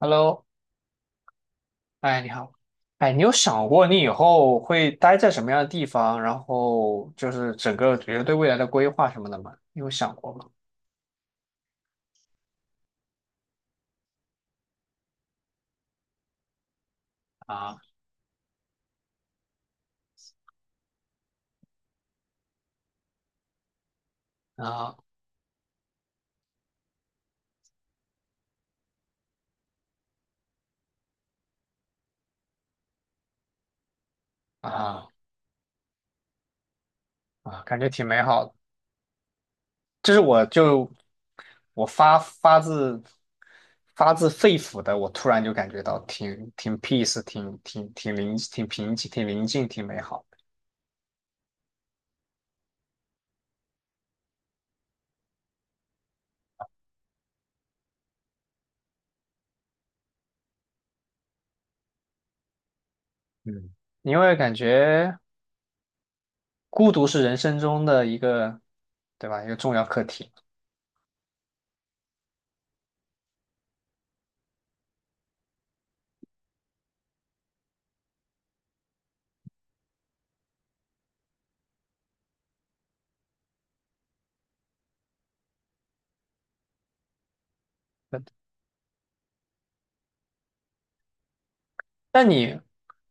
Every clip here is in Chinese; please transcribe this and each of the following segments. Hello，哎，你好。哎，你有想过你以后会待在什么样的地方，然后就是整个觉得对未来的规划什么的吗？你有想过吗？啊啊啊啊！感觉挺美好的。这是我就我发自肺腑的，我突然就感觉到挺 peace，挺平静，挺宁静，挺美好的。嗯，因为感觉孤独是人生中的一个，对吧？一个重要课题。但你，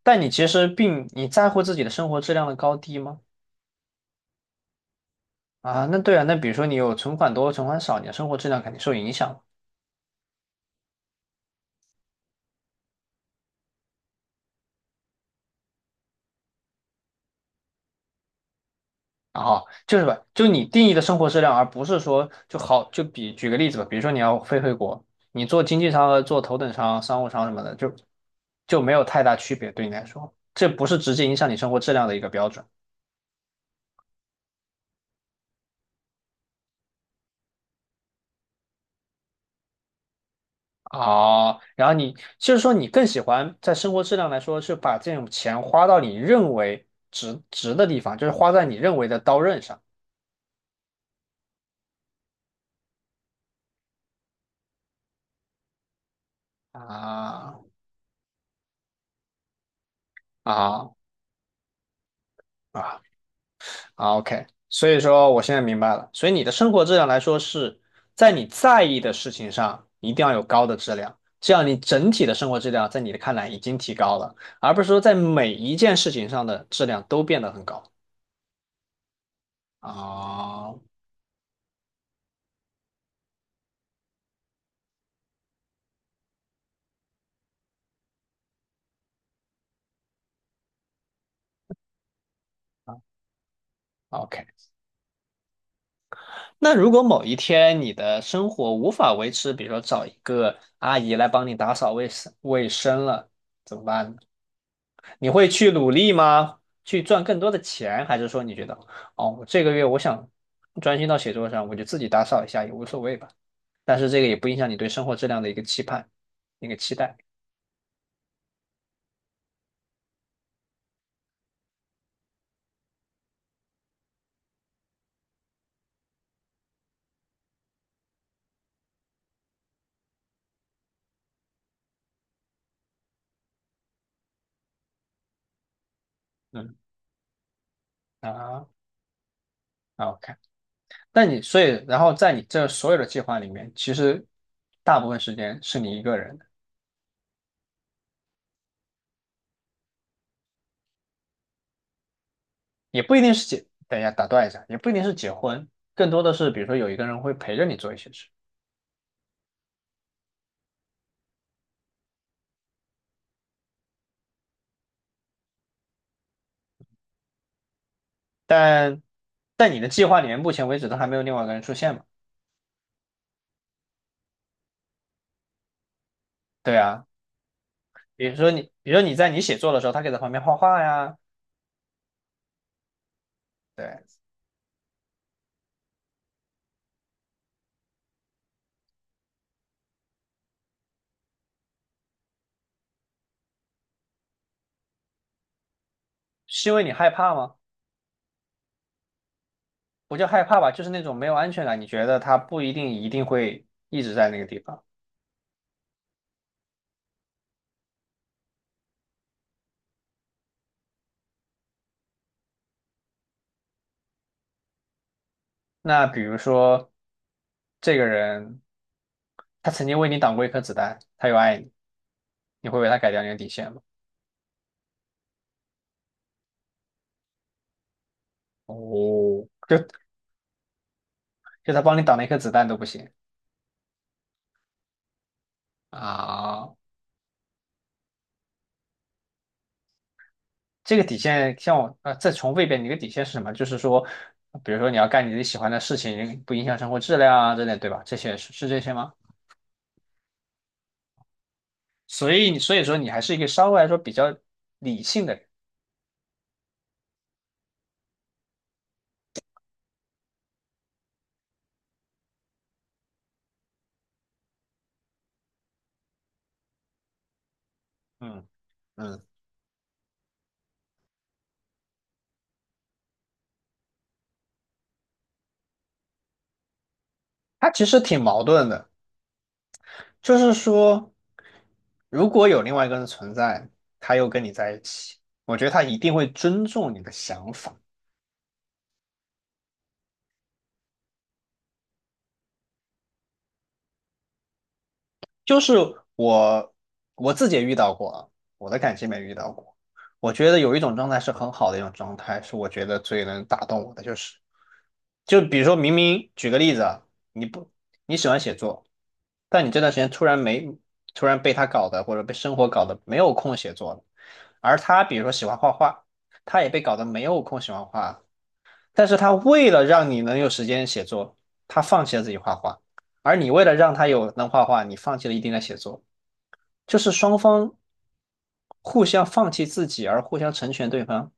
但你其实在乎自己的生活质量的高低吗？啊，那对啊，那比如说你有存款多、存款少，你的生活质量肯定受影响。啊哈，就是吧，就你定义的生活质量，而不是说就好就比举个例子吧，比如说你要飞回国，你做经济舱和做头等舱、商务舱什么的，就没有太大区别对你来说，这不是直接影响你生活质量的一个标准。啊，然后你就是说你更喜欢在生活质量来说，是把这种钱花到你认为值的地方，就是花在你认为的刀刃上。啊啊啊啊！OK，所以说我现在明白了，所以你的生活质量来说是在你在意的事情上一定要有高的质量，这样你整体的生活质量在你的看来已经提高了，而不是说在每一件事情上的质量都变得很高。啊。哦， OK。那如果某一天你的生活无法维持，比如说找一个阿姨来帮你打扫卫生了，怎么办呢？你会去努力吗？去赚更多的钱，还是说你觉得，哦，我这个月我想专心到写作上，我就自己打扫一下也无所谓吧？但是这个也不影响你对生活质量的一个期盼，一个期待。嗯，啊，OK。那你所以，然后在你这所有的计划里面，其实大部分时间是你一个人。也不一定是结，等一下打断一下，也不一定是结婚，更多的是比如说有一个人会陪着你做一些事。但在你的计划里面目前为止都还没有另外一个人出现嘛？对啊，比如说你在你写作的时候，他可以在旁边画画呀。对，是因为你害怕吗？不叫害怕吧，就是那种没有安全感，你觉得他不一定一定会一直在那个地方。那比如说这个人，他曾经为你挡过一颗子弹，他又爱你，你会为他改掉你的底线吗？哦，就就他帮你挡了一颗子弹都不行啊。这个底线，像我啊，再重复一遍，你的底线是什么？就是说，比如说你要干你自己喜欢的事情，不影响生活质量啊之类，对吧？这些是这些吗？所以你所以说你还是一个稍微来说比较理性的人。嗯嗯，他其实挺矛盾的，就是说，如果有另外一个人存在，他又跟你在一起，我觉得他一定会尊重你的想法。就是我我自己也遇到过啊，我的感情没遇到过。我觉得有一种状态是很好的一种状态，是我觉得最能打动我的，就是比如说明明举个例子啊。你不你喜欢写作，但你这段时间突然没突然被他搞的或者被生活搞的没有空写作了，而他比如说喜欢画画，他也被搞得没有空喜欢画，但是他为了让你能有时间写作，他放弃了自己画画，而你为了让他有能画画，你放弃了一定的写作，就是双方互相放弃自己而互相成全对方，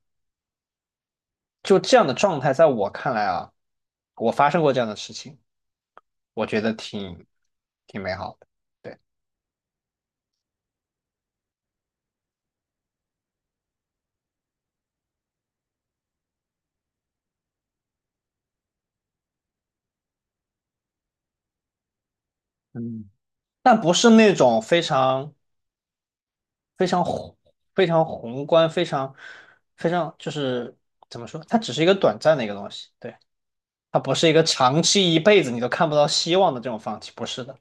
就这样的状态，在我看来啊，我发生过这样的事情，我觉得挺美好的。对，嗯，但不是那种非常非常宏非常宏观非常非常就是怎么说，它只是一个短暂的一个东西。对。它不是一个长期一辈子你都看不到希望的这种放弃，不是的。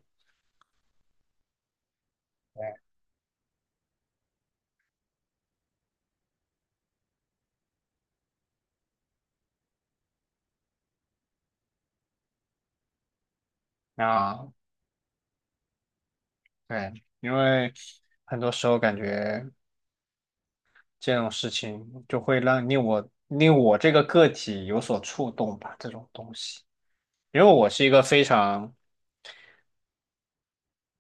对啊，对，因为很多时候感觉这种事情就会让令我这个个体有所触动吧，这种东西，因为我是一个非常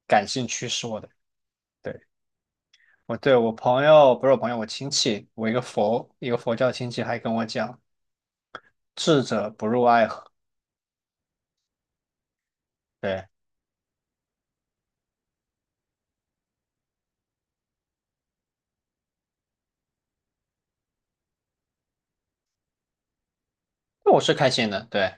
感性驱使我的人。对，我对我朋友不是我朋友，我亲戚，我一个佛教亲戚还跟我讲，智者不入爱河。对，那我是开心的。对，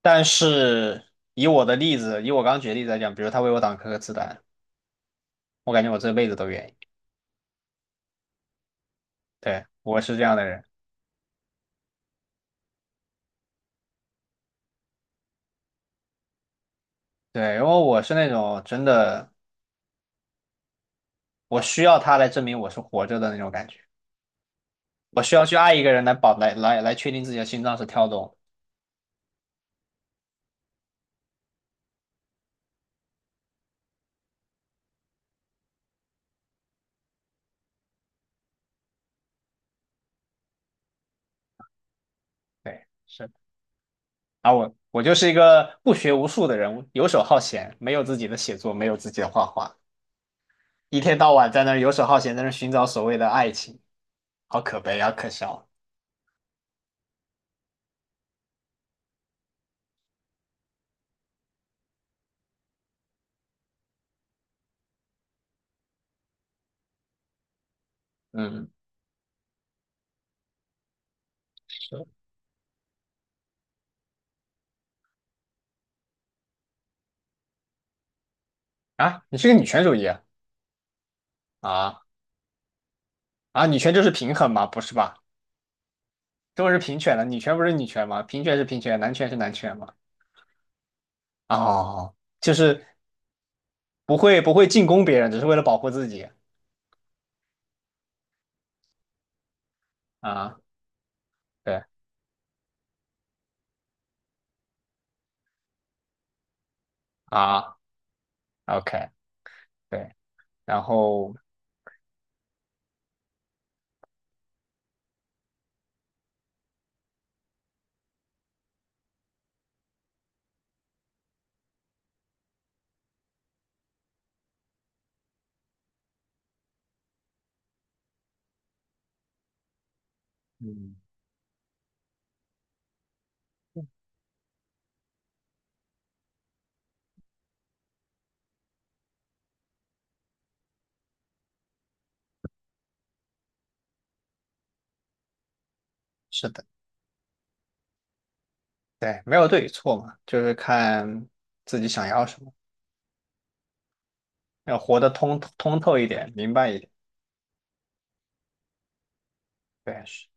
但是以我的例子，以我刚举的例子来讲，比如他为我挡颗子弹，我感觉我这辈子都愿意。对，我是这样的人。对，因为我是那种真的，我需要他来证明我是活着的那种感觉。我需要去爱一个人来保来来来确定自己的心脏是跳动的。对，是。而我就是一个不学无术的人，游手好闲，没有自己的写作，没有自己的画画，一天到晚在那儿游手好闲，在那儿寻找所谓的爱情，好可悲，啊，可笑。嗯嗯，啊，你是个女权主义啊？啊啊，女权就是平衡嘛，不是吧？中国是平权的，女权不是女权吗？平权是平权，男权是男权嘛。哦，就是不会进攻别人，只是为了保护自己啊。对啊，OK，对，然后嗯，是的，对，没有对与错嘛，就是看自己想要什么，要活得通透一点，明白一点。对，是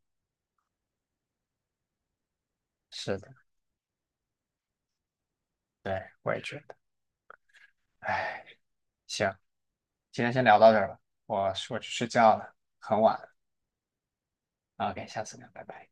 是的，对，我也觉得。哎，行，今天先聊到这儿吧，我去睡觉了，很晚了。OK，下次聊，拜拜。